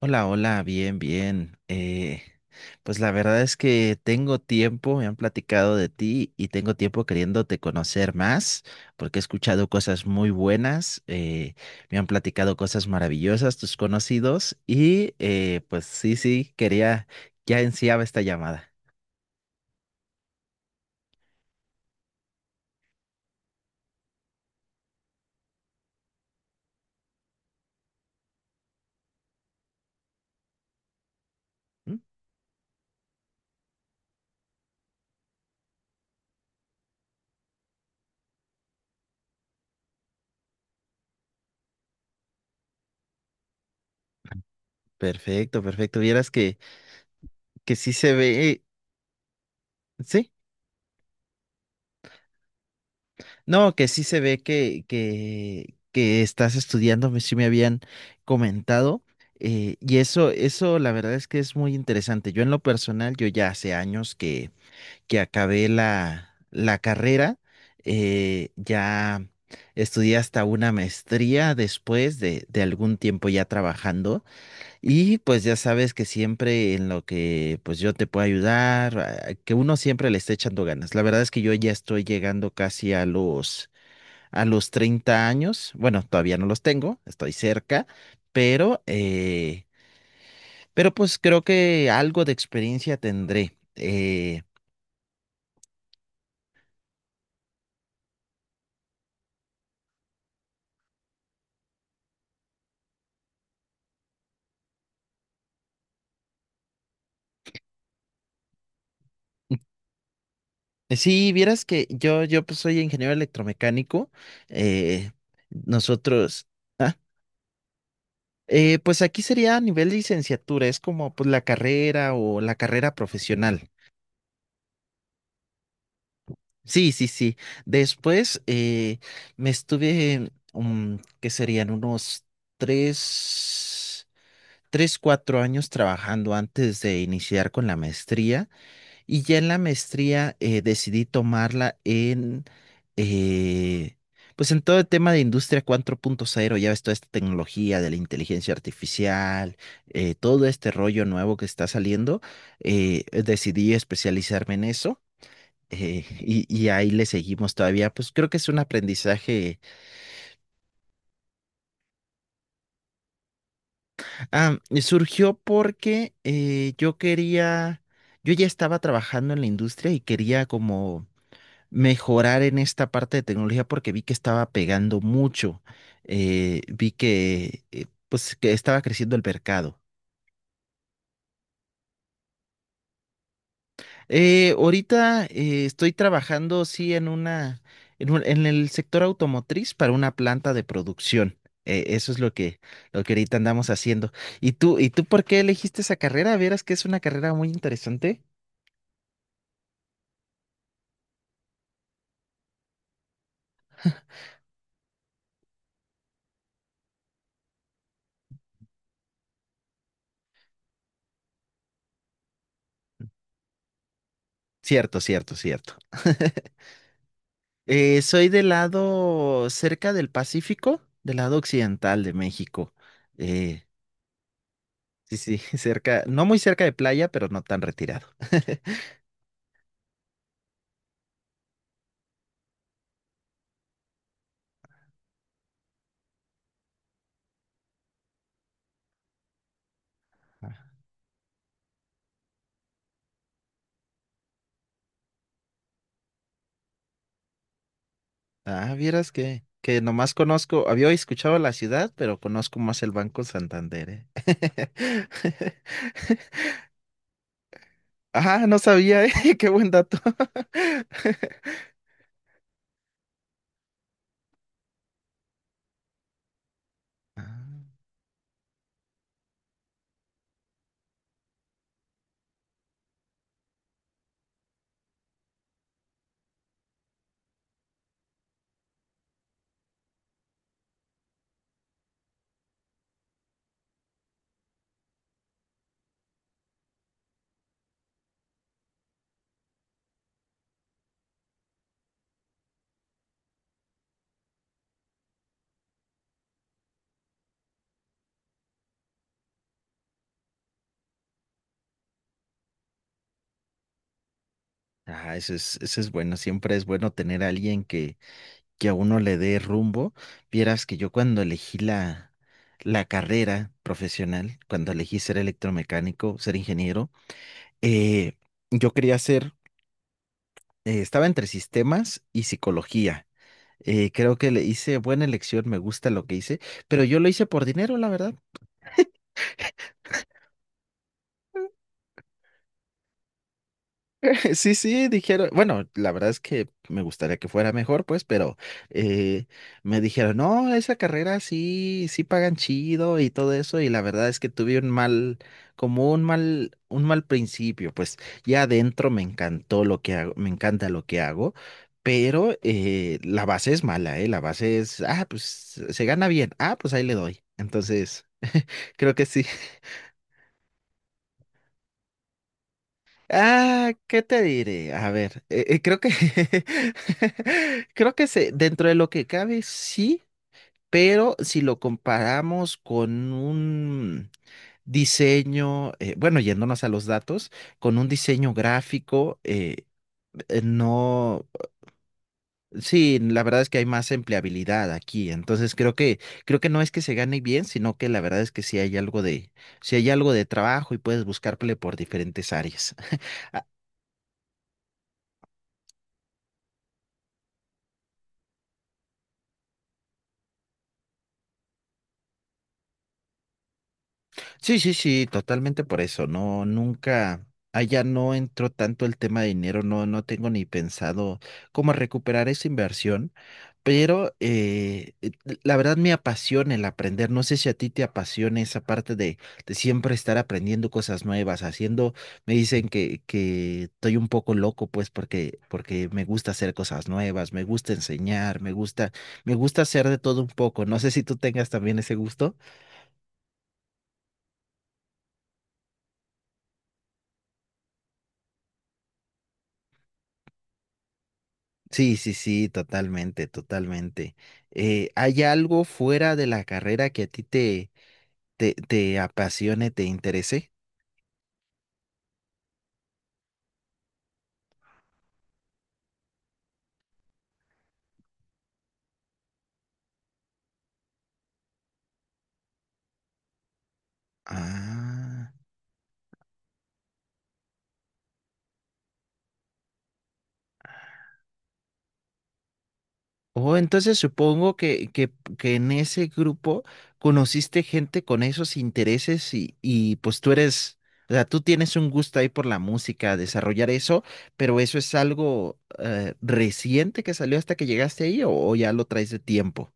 Hola, hola, bien, bien. Pues la verdad es que tengo tiempo, me han platicado de ti y tengo tiempo queriéndote conocer más, porque he escuchado cosas muy buenas, me han platicado cosas maravillosas tus conocidos y pues sí, sí, quería, ya ansiaba esta llamada. Mm. Perfecto, perfecto. Vieras que sí se ve, sí. No, que sí se ve que estás estudiando, sí me habían comentado. Y eso la verdad es que es muy interesante. Yo en lo personal, yo ya hace años que acabé la carrera, ya estudié hasta una maestría después de algún tiempo ya trabajando. Y pues ya sabes que siempre en lo que pues yo te puedo ayudar, que uno siempre le esté echando ganas. La verdad es que yo ya estoy llegando casi a los 30 años. Bueno, todavía no los tengo, estoy cerca, pero, pues creo que algo de experiencia tendré. Sí, vieras que yo pues soy ingeniero electromecánico. eh, nosotros, ah, pues aquí sería a nivel licenciatura, es como pues la carrera o la carrera profesional. Sí, sí, sí. Después me estuve, que serían unos tres. 3, 4 años trabajando antes de iniciar con la maestría. Y ya en la maestría decidí tomarla en, eh, pues en todo el tema de industria 4.0. Ya ves toda esta tecnología de la inteligencia artificial, todo este rollo nuevo que está saliendo, decidí especializarme en eso. Y ahí le seguimos todavía, pues creo que es un aprendizaje. Ah, y surgió porque yo ya estaba trabajando en la industria y quería como mejorar en esta parte de tecnología porque vi que estaba pegando mucho, vi que pues que estaba creciendo el mercado. Ahorita estoy trabajando sí en en el sector automotriz para una planta de producción. Eso es lo que ahorita andamos haciendo. ¿Y tú por qué elegiste esa carrera? Verás que es una carrera muy interesante. Cierto, cierto, cierto. Soy del lado cerca del Pacífico, del lado occidental de México. Eh, sí, sí, cerca, no muy cerca de playa, pero no tan retirado. Ah, vieras que nomás conozco, había escuchado la ciudad, pero conozco más el Banco Santander, ¿eh? Ah, no sabía, ¿eh? Qué buen dato. Ah, ah, eso es bueno, siempre es bueno tener a alguien que a uno le dé rumbo. Vieras que yo cuando elegí la carrera profesional, cuando elegí ser electromecánico, ser ingeniero, eh, yo quería ser, estaba entre sistemas y psicología. Creo que le hice buena elección, me gusta lo que hice, pero yo lo hice por dinero, la verdad. Sí, sí, dijeron, bueno, la verdad es que me gustaría que fuera mejor, pues, pero eh, me dijeron, no, esa carrera sí, sí pagan chido y todo eso, y la verdad es que tuve un mal, como un mal principio, pues, ya adentro me encantó lo que hago, me encanta lo que hago, pero la base es mala, ¿eh? La base es, pues, se gana bien, pues ahí le doy. Entonces, creo que sí. Ah, ¿qué te diré? A ver, creo que dentro de lo que cabe, sí, pero si lo comparamos con un diseño, bueno, yéndonos a los datos, con un diseño gráfico, no, sí, la verdad es que hay más empleabilidad aquí, entonces creo que no es que se gane bien, sino que la verdad es que sí hay algo de trabajo y puedes buscarle por diferentes áreas. Sí, sí, sí, totalmente por eso. No, nunca, allá no entró tanto el tema de dinero, no, no tengo ni pensado cómo recuperar esa inversión, pero la verdad me apasiona el aprender. No sé si a ti te apasiona esa parte de siempre estar aprendiendo cosas nuevas, haciendo, me dicen que estoy un poco loco, pues, porque me gusta hacer cosas nuevas, me gusta enseñar, me gusta hacer de todo un poco. No sé si tú tengas también ese gusto. Sí, sí, sí, totalmente, totalmente. ¿Hay algo fuera de la carrera que a ti te apasione, te interese? Ah. Oh, entonces supongo que en ese grupo conociste gente con esos intereses y pues tú eres, o sea, tú tienes un gusto ahí por la música, desarrollar eso, pero eso es algo reciente que salió hasta que llegaste ahí o ya lo traes de tiempo.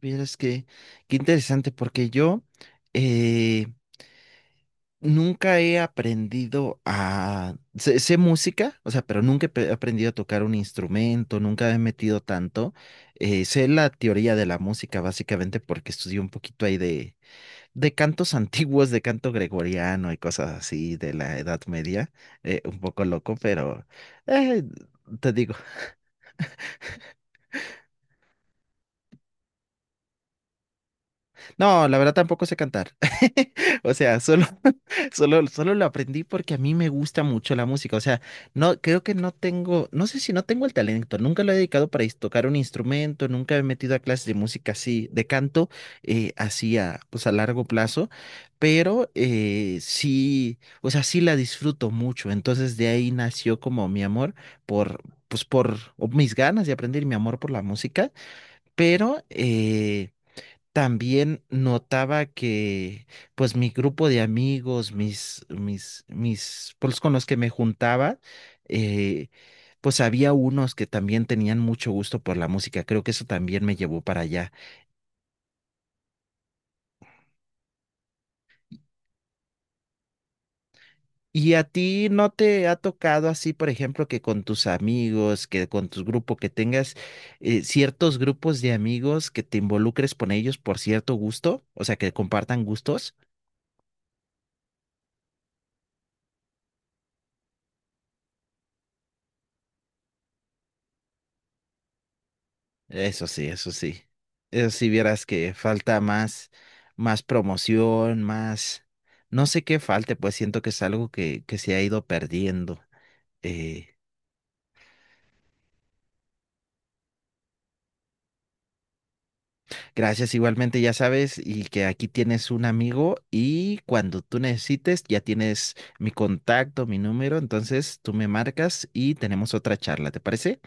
Vieras que, qué interesante, porque yo eh, nunca he aprendido a... Sé, sé música, o sea, pero nunca he aprendido a tocar un instrumento, nunca me he metido tanto. Sé la teoría de la música, básicamente, porque estudié un poquito ahí de cantos antiguos, de canto gregoriano y cosas así de la Edad Media. Un poco loco, pero eh, te digo. No, la verdad tampoco sé cantar. O sea, solo, solo lo aprendí porque a mí me gusta mucho la música. O sea, no, creo que no tengo, no sé si no tengo el talento. Nunca lo he dedicado para tocar un instrumento, nunca me he metido a clases de música así, de canto, así a, pues a largo plazo. Pero sí, o sea, sí la disfruto mucho. Entonces de ahí nació como mi amor por, pues por o mis ganas de aprender y mi amor por la música. Pero, también notaba que, pues, mi grupo de amigos, mis, pues, con los que me juntaba, eh, pues había unos que también tenían mucho gusto por la música. Creo que eso también me llevó para allá. ¿Y a ti no te ha tocado así, por ejemplo, que con tus amigos, que con tu grupo, que tengas ciertos grupos de amigos que te involucres con ellos por cierto gusto, o sea, que compartan gustos? Eso sí, eso sí. Eso sí, vieras que falta más promoción, más, no sé qué falte, pues siento que es algo que se ha ido perdiendo. Eh, Gracias igualmente, ya sabes, y que aquí tienes un amigo y cuando tú necesites, ya tienes mi contacto, mi número, entonces tú me marcas y tenemos otra charla, ¿te parece?